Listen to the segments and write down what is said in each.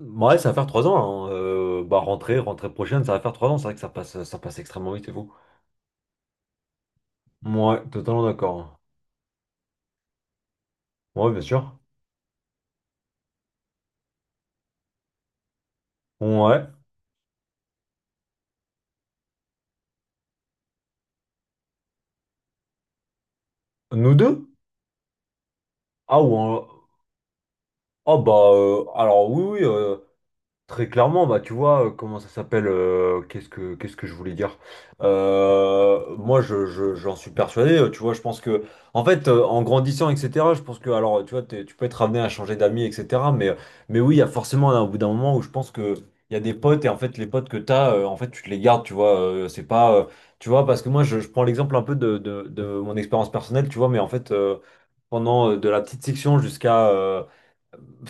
Ouais, Ça va faire 3 ans, hein. Rentrée prochaine, ça va faire 3 ans. C'est vrai que ça passe extrêmement vite et vous. Ouais, totalement d'accord. Ouais, bien sûr. Ouais. Nous deux? Ah, ou en- Ah. Alors oui, oui. Très clairement, bah tu vois, comment ça s'appelle, qu'est-ce que je voulais dire? Moi je j'en suis persuadé, tu vois, je pense que en fait en grandissant, etc., je pense que alors tu vois, tu peux être amené à changer d'amis, etc. Mais oui, il y a forcément un au bout d'un moment où je pense que il y a des potes et en fait les potes que t'as, en fait tu te les gardes, tu vois. C'est pas tu vois, parce que moi je prends l'exemple un peu de mon expérience personnelle, tu vois, mais en fait pendant de la petite section jusqu'à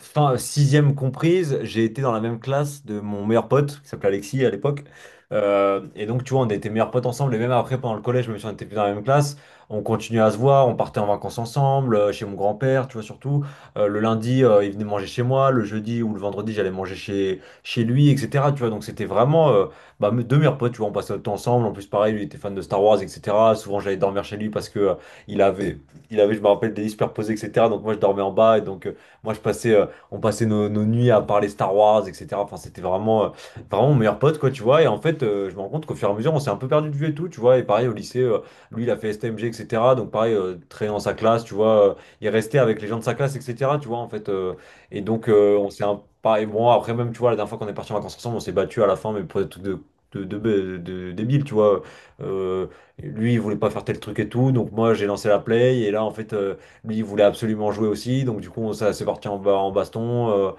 fin sixième comprise, j'ai été dans la même classe de mon meilleur pote, qui s'appelait Alexis à l'époque. Et donc, tu vois, on était meilleurs potes ensemble. Et même après, pendant le collège, même si on était plus dans la même classe, on continuait à se voir. On partait en vacances ensemble, chez mon grand-père, tu vois, surtout. Le lundi, il venait manger chez moi. Le jeudi ou le vendredi, j'allais manger chez lui, etc. Tu vois, donc c'était vraiment bah, deux meilleurs potes, tu vois. On passait notre temps ensemble. En plus, pareil, lui était fan de Star Wars, etc. Souvent, j'allais dormir chez lui parce que il avait, il avait, je me rappelle, des lits superposés, etc. Donc, moi, je dormais en bas. Et donc, moi, je passais. On passait nos nuits à parler Star Wars, etc. Enfin, c'était vraiment, vraiment mon meilleur pote, quoi, tu vois. Et en fait, je me rends compte qu'au fur et à mesure, on s'est un peu perdu de vue et tout, tu vois. Et pareil, au lycée, lui, il a fait STMG, etc. Donc, pareil, très dans sa classe, tu vois. Il restait avec les gens de sa classe, etc. Tu vois, en fait. Et donc, on s'est bon, après, même, tu vois, la dernière fois qu'on est parti en vacances ensemble, on s'est battu à la fin, mais pour des trucs de débiles, tu vois. Euh, lui, il voulait pas faire tel truc et tout, donc moi, j'ai lancé la play, et là, en fait. Lui, il voulait absolument jouer aussi, donc du coup, ça s'est parti en baston.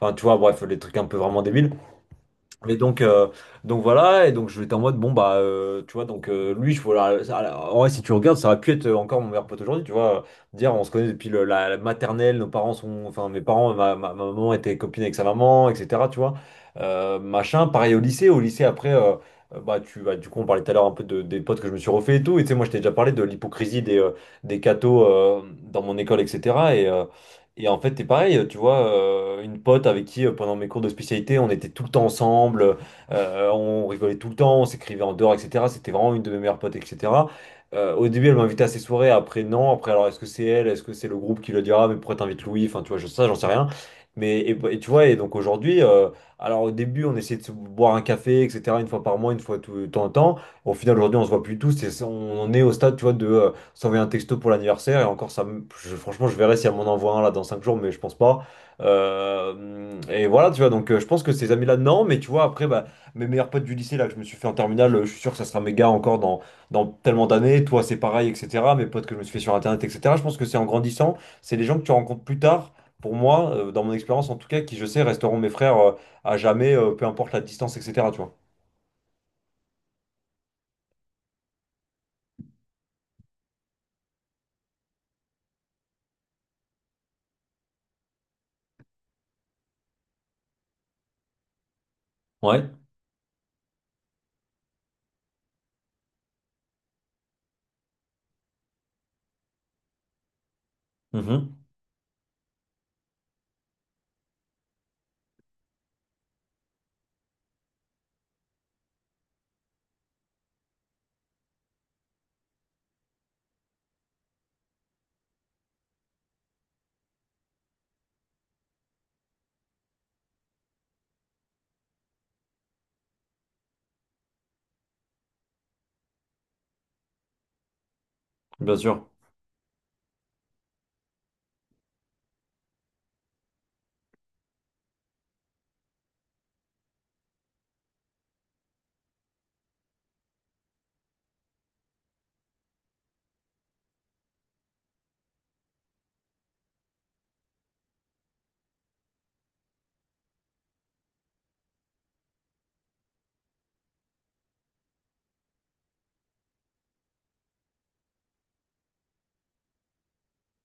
Enfin, tu vois, bref, les trucs un peu vraiment débiles. Mais donc, voilà, et donc je vais en mode, bon bah, tu vois, donc lui, je, voilà, en vrai, si tu regardes, ça aurait pu être encore mon meilleur pote aujourd'hui, tu vois, dire, on se connaît depuis la maternelle, nos parents sont, enfin, mes parents, ma maman était copine avec sa maman, etc., tu vois, machin, pareil au lycée, après, bah, bah, du coup, on parlait tout à l'heure un peu des potes que je me suis refait et tout, et tu sais, moi, je t'ai déjà parlé de l'hypocrisie des cathos dans mon école, etc., et, euh, et en fait, c'est pareil, tu vois, une pote avec qui, pendant mes cours de spécialité, on était tout le temps ensemble, on rigolait tout le temps, on s'écrivait en dehors, etc. C'était vraiment une de mes meilleures potes, etc. Au début, elle m'invitait à ses soirées, après, non. Après, alors, est-ce que c'est elle? Est-ce que c'est le groupe qui le dira? Mais pourquoi t'invites Louis? Enfin, tu vois, je, ça, j'en sais rien. Mais, tu vois, et donc aujourd'hui, alors au début, on essayait de se boire un café, etc., une fois par mois, une fois tout, de temps en temps. Au final, aujourd'hui, on se voit plus tous, on en est au stade, tu vois, de s'envoyer un texto pour l'anniversaire, et encore franchement je verrai si elle m'en envoie un là dans 5 jours, mais je pense pas. Et voilà, tu vois, donc je pense que ces amis là, non, mais tu vois, après, bah, mes meilleurs potes du lycée là que je me suis fait en terminale, je suis sûr que ça sera mes gars encore dans tellement d'années. Toi c'est pareil, etc. Mes potes que je me suis fait sur internet, etc. Je pense que c'est en grandissant, c'est les gens que tu rencontres plus tard, pour moi, dans mon expérience en tout cas, qui je sais resteront mes frères, à jamais, peu importe la distance, etc. Tu vois. Ouais. Mhm. Bien sûr.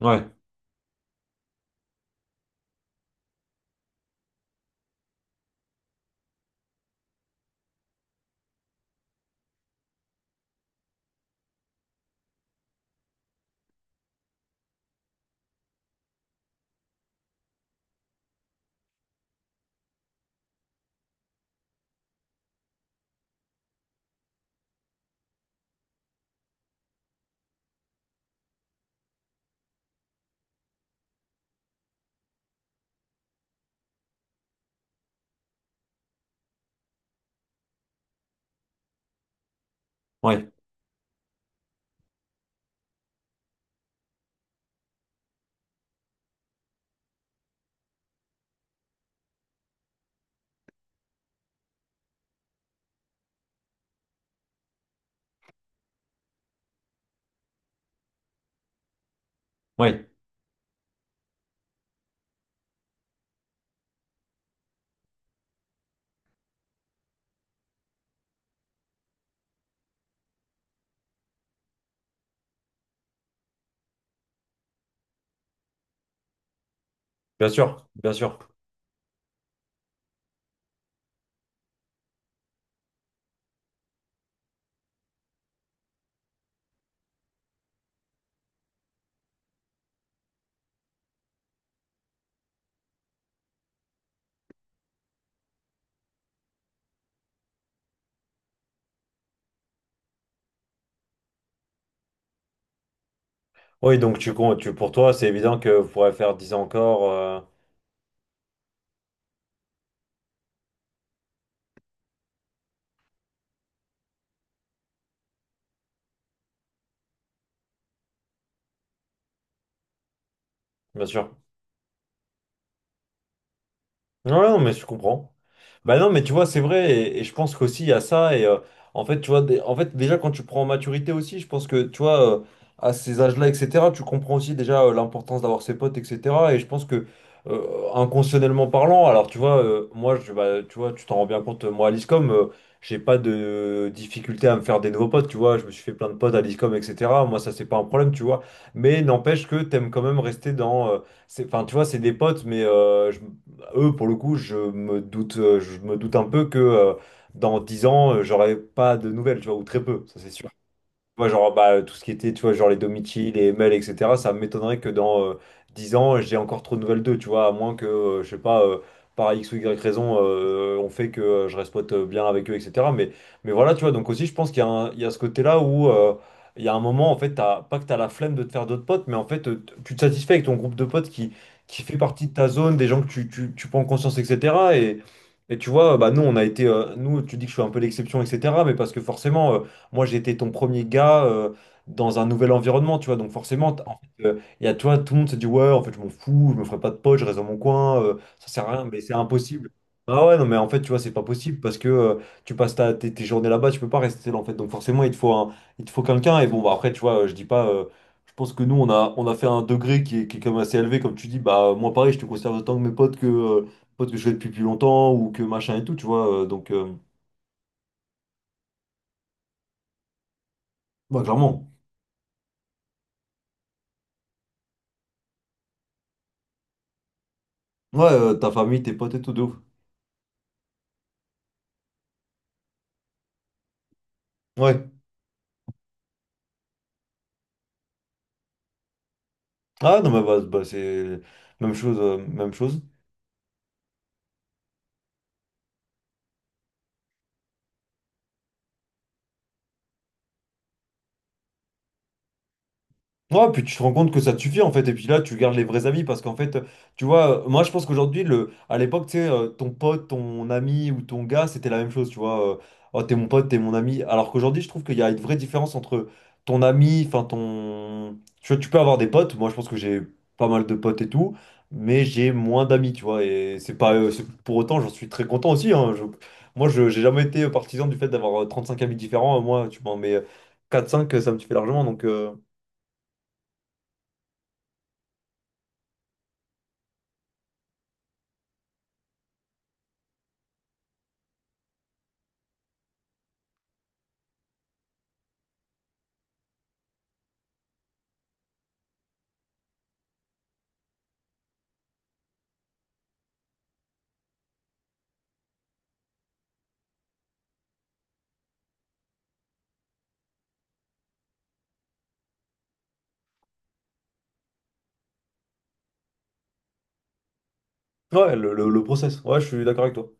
Ouais, ouais, ouais. Bien sûr, bien sûr. Oui, donc tu, con- tu pour toi, c'est évident que vous pourrez faire 10 ans encore, bien sûr. Non, non, mais je comprends. Bah non, mais tu vois, c'est vrai, et je pense qu'aussi il y a ça, et en fait, tu vois, en fait, déjà quand tu prends en maturité aussi, je pense que, tu vois, à ces âges-là, etc., tu comprends aussi déjà l'importance d'avoir ses potes, etc., et je pense que, euh, inconsciemment parlant, alors tu vois, moi, je, bah, tu vois, tu t'en rends bien compte, moi, à l'ISCOM, j'ai pas de difficulté à me faire des nouveaux potes, tu vois, je me suis fait plein de potes à l'ISCOM, etc., moi, ça, c'est pas un problème, tu vois, mais n'empêche que t'aimes quand même rester dans... c'est- Enfin, tu vois, c'est des potes, mais eux, pour le coup, je me doute un peu que dans 10 ans, j'aurai pas de nouvelles, tu vois, ou très peu, ça c'est sûr. Tu vois, genre, bah, tout ce qui était, tu vois, genre les Domichi, les Mel, etc., ça m'étonnerait que dans 10 ans, j'ai encore trop de nouvelles d'eux, tu vois, à moins que, je sais pas, par X ou Y raison, on fait que je reste pote bien avec eux, etc. Mais, voilà, tu vois, donc aussi, je pense qu'il y a il y a ce côté-là où il y a un moment, en fait, t'as, pas que t'as la flemme de te faire d'autres potes, mais en fait, tu te satisfais avec ton groupe de potes qui fait partie de ta zone, des gens que tu prends en conscience, etc. Et, tu vois, bah, nous, tu dis que je suis un peu l'exception, etc., mais parce que forcément. Moi, j'étais ton premier gars, dans un nouvel environnement, tu vois. Donc forcément, en fait, il y a, tu vois, tout le monde se dit, ouais, en fait, je m'en fous, je me ferai pas de potes, je reste dans mon coin, ça sert à rien, mais c'est impossible. Ah ouais, non, mais en fait, tu vois, c'est pas possible parce que tu passes tes journées là-bas, tu peux pas rester seul, en fait. Donc forcément, il te faut quelqu'un. Et bon, bah, après, tu vois, je dis pas, je pense que nous, on a fait un degré qui est quand même assez élevé, comme tu dis, bah, moi, pareil, je te conserve autant que mes potes que je fais depuis plus longtemps ou que machin et tout, tu vois. Ouais, clairement. Ouais, ta famille, tes potes et tout, de ouf. Ouais. Ah non, mais bah, c'est même chose. Ouais, puis tu te rends compte que ça te suffit en fait, et puis là tu gardes les vrais amis parce qu'en fait, tu vois, moi je pense qu'aujourd'hui, à l'époque, tu sais, ton pote, ton ami ou ton gars, c'était la même chose, tu vois, oh t'es mon pote, t'es mon ami, alors qu'aujourd'hui je trouve qu'il y a une vraie différence entre ton ami, enfin ton. Tu vois, tu peux avoir des potes, moi je pense que j'ai pas mal de potes et tout, mais j'ai moins d'amis, tu vois, et c'est pas. C'est- Pour autant, j'en suis très content aussi, hein, Moi je j'ai jamais été partisan du fait d'avoir cinq amis différents, moi tu m'en mets quatre cinq, ça me suffit largement, donc. Ouais, le process. Ouais, je suis d'accord avec toi.